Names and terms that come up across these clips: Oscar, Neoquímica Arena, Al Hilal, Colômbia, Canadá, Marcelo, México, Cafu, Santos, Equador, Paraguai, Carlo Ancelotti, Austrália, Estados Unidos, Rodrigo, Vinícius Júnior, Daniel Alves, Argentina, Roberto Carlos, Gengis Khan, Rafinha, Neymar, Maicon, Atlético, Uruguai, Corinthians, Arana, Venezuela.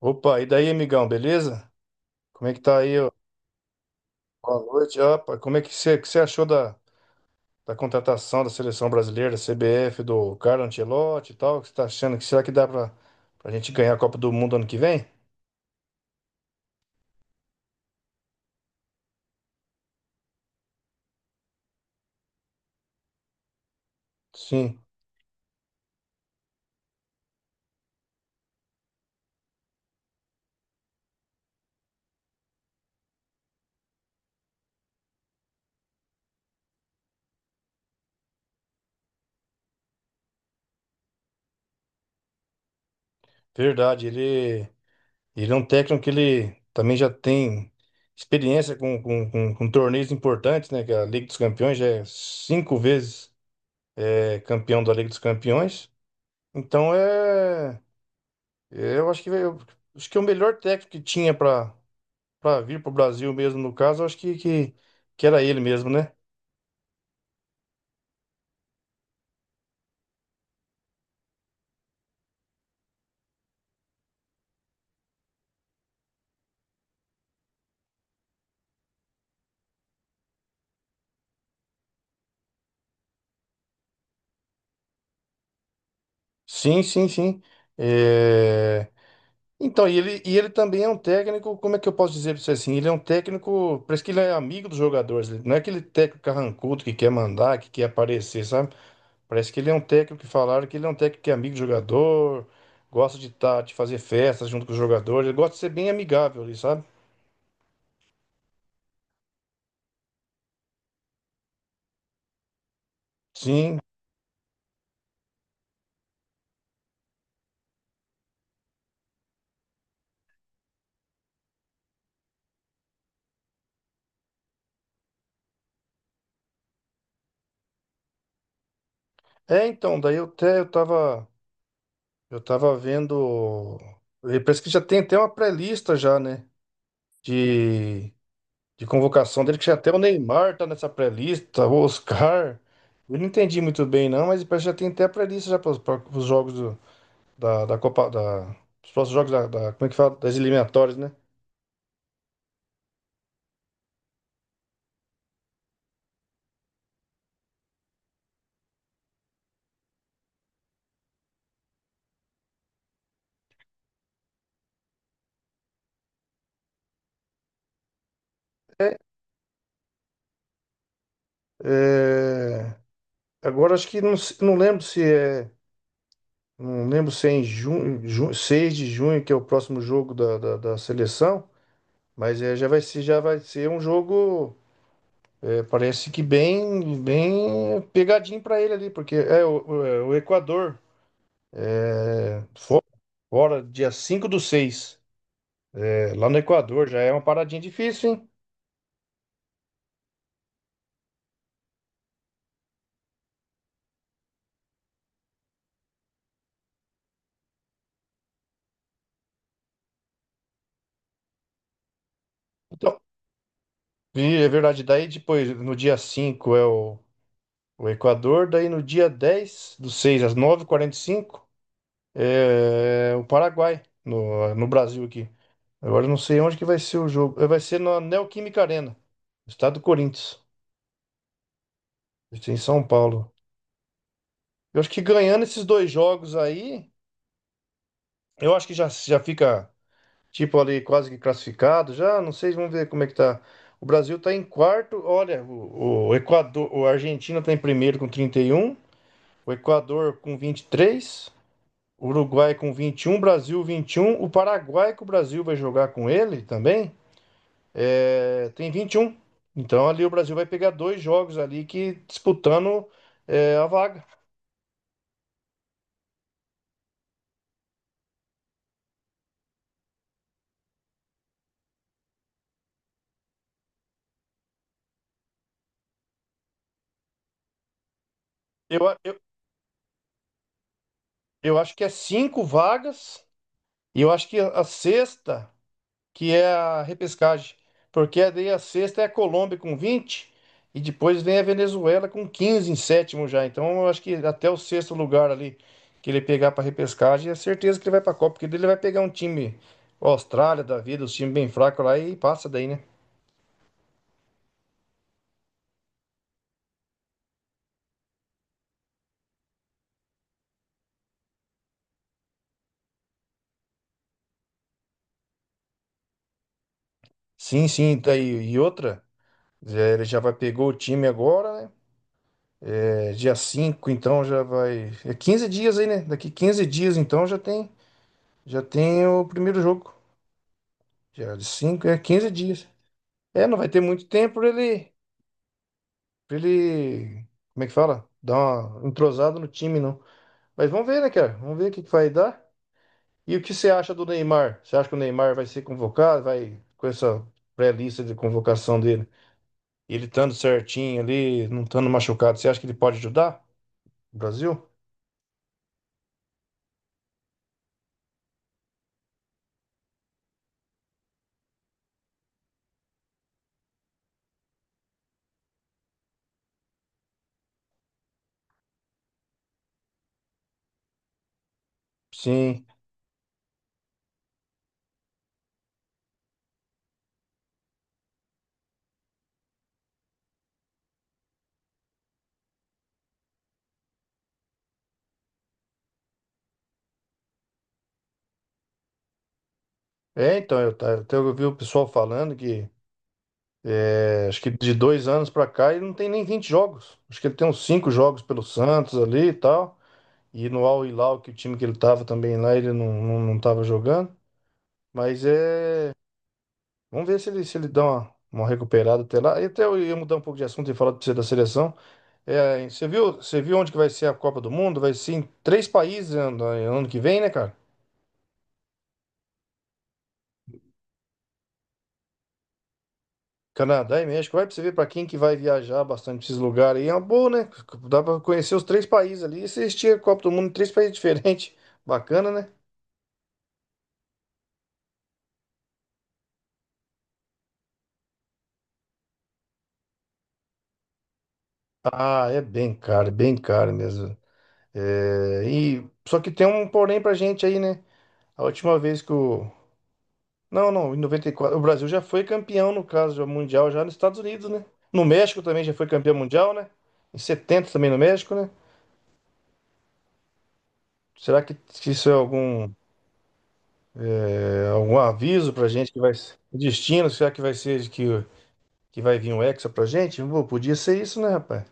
Opa, e daí, amigão, beleza? Como é que tá aí? Ó? Boa noite. Opa, como é que você achou da contratação da seleção brasileira, da CBF, do Carlo Ancelotti e tal? O que você tá achando? Que será que dá pra gente ganhar a Copa do Mundo ano que vem? Sim, verdade. Ele é um técnico que ele também já tem experiência com torneios importantes, né? Que é a Liga dos Campeões, já é 5 vezes, é, campeão da Liga dos Campeões. Então é. É, eu acho que acho que é o melhor técnico que tinha para vir para o Brasil mesmo, no caso. Eu acho que era ele mesmo, né? Sim, sim, sim. É, então, e ele também é um técnico. Como é que eu posso dizer para você? Assim, ele é um técnico, parece que ele é amigo dos jogadores, ele não é aquele técnico carrancudo que quer mandar, que quer aparecer, sabe? Parece que ele é um técnico, que falaram que ele é um técnico que é amigo do jogador, gosta de, tá, de fazer festas junto com os jogadores, ele gosta de ser bem amigável ali, sabe? Sim. É, então, daí eu até eu tava. Eu tava vendo. E parece que já tem até uma pré-lista já, né? De, de convocação dele. Que já até o Neymar tá nessa pré-lista, o Oscar. Eu não entendi muito bem, não, mas parece que já tem até a pré-lista já para os jogos do- da Copa. Os próximos jogos como é que fala? Das eliminatórias, né? É, é, agora acho que não, não lembro se é. Não lembro se é em junho, 6 de junho, que é o próximo jogo da seleção, mas é, já vai ser um jogo. É, parece que bem, bem pegadinho para ele ali, porque é é o Equador, agora, dia 5 do seis. É, lá no Equador já é uma paradinha difícil, hein? Então, e é verdade. Daí depois, no dia 5 é o Equador, daí no dia 10 do seis, às 9:45 é o Paraguai, no Brasil aqui. Agora eu não sei onde que vai ser o jogo. É, vai ser na Neoquímica Arena, estado do Corinthians, vai ser em São Paulo. Eu acho que ganhando esses dois jogos aí, eu acho que já fica, tipo, ali quase que classificado. Já, não sei, vamos ver como é que tá. O Brasil tá em quarto. Olha, o Equador, o Argentina tá em primeiro com 31, o Equador com 23, o Uruguai com 21, Brasil 21, o Paraguai, que o Brasil vai jogar com ele também, é, tem 21. Então ali o Brasil vai pegar dois jogos ali, que disputando, é, a vaga. Eu, a- eu, eu acho que é 5 vagas e eu acho que a sexta que é a repescagem. Porque daí a sexta é a Colômbia com 20 e depois vem a Venezuela com 15 em sétimo já. Então eu acho que até o sexto lugar ali que ele pegar para repescagem, é certeza que ele vai para a Copa, porque daí ele vai pegar um time Austrália da vida, os times bem fracos lá, e passa daí, né? Sim, sim, daí e outra, é, ele já vai pegou o time agora, né? É, dia 5, então já vai. É 15 dias aí, né? Daqui 15 dias então já tem o primeiro jogo. Dia 5 é 15 dias. É, não vai ter muito tempo pra ele, como é que fala? Dar uma entrosada no time, não. Mas vamos ver, né, cara? Vamos ver o que que vai dar. E o que você acha do Neymar? Você acha que o Neymar vai ser convocado? Vai com essa pré-lista de convocação dele? Ele estando certinho ali, não estando machucado, você acha que ele pode ajudar o Brasil? Sim. É, então, até eu vi o pessoal falando que, é, acho que de 2 anos pra cá ele não tem nem 20 jogos. Acho que ele tem uns 5 jogos pelo Santos ali e tal. E no Al Hilal, que o time que ele tava também lá, ele não tava jogando. Mas é. Vamos ver se ele, se ele dá uma recuperada até lá. E até eu ia mudar um pouco de assunto e falar pra você da seleção. É, você viu onde que vai ser a Copa do Mundo? Vai ser em três países ano que vem, né, cara? Canadá e México. Vai, pra você ver, pra quem que vai viajar bastante pra esses lugares aí. É uma boa, né? Dá pra conhecer os três países ali. E você estica a Copa do Mundo em três países diferentes. Bacana, né? Ah, é bem caro mesmo. É, e, só que tem um porém pra gente aí, né? A última vez que o. Não, não, em 94 o Brasil já foi campeão, no caso, já mundial, já nos Estados Unidos, né? No México também já foi campeão mundial, né? Em 70 também no México, né? Será que isso é algum aviso pra gente que vai ser um destino. Será que vai ser que vai vir um Hexa pra gente? Pô, podia ser isso, né, rapaz?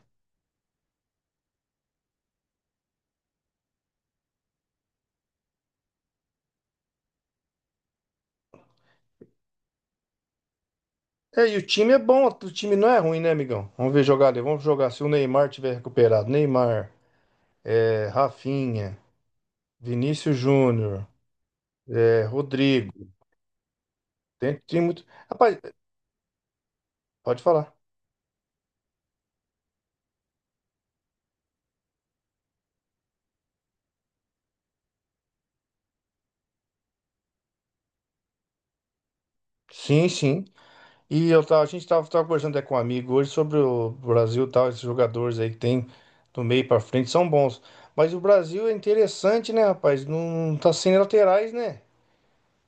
É, e o time é bom, o time não é ruim, né, amigão? Vamos ver jogar ali, vamos jogar se o Neymar tiver recuperado. Neymar, é, Rafinha, Vinícius Júnior. É, Rodrigo, tem, tem muito. Rapaz, pode falar. Sim, sim. E eu tava, a gente tava, tava conversando até com um amigo hoje sobre o Brasil e tal, esses jogadores aí que tem do meio pra frente são bons. Mas o Brasil é interessante, né, rapaz? Não, tá sem laterais, né?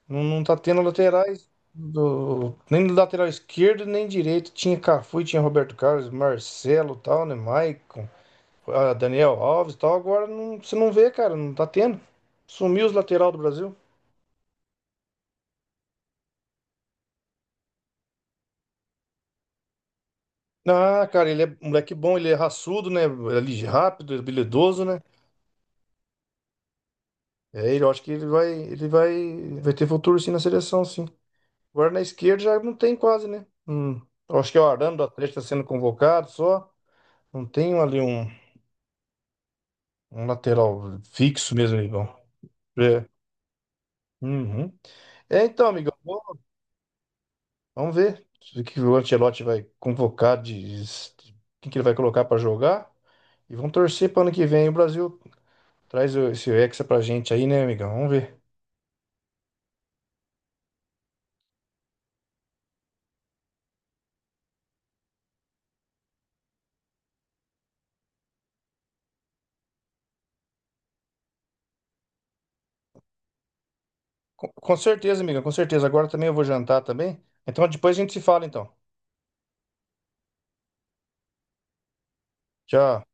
Não tá tendo laterais nem do lateral esquerdo, nem direito. Tinha Cafu, tinha Roberto Carlos, Marcelo, e tal, né? Maicon, ah, Daniel Alves, e tal. Agora não, você não vê, cara, não tá tendo. Sumiu os lateral do Brasil. Ah, cara, ele é um moleque bom, ele é raçudo, né? Ele é rápido, habilidoso, né? É, eu acho que ele vai ter futuro sim na seleção, sim. Agora na esquerda já não tem quase, né? Hum. Eu acho que é o Arana do Atlético está sendo convocado só. Não tem um lateral fixo mesmo, amigão. É. Uhum. É, então, amigão, vamos ver o que o Ancelotti vai convocar, quem que ele vai colocar para jogar. E vamos torcer para ano que vem o Brasil traz esse Hexa pra gente aí, né, amigão? Vamos ver. Com certeza, amiga, com certeza. Agora também eu vou jantar também. Então depois a gente se fala, então. Tchau.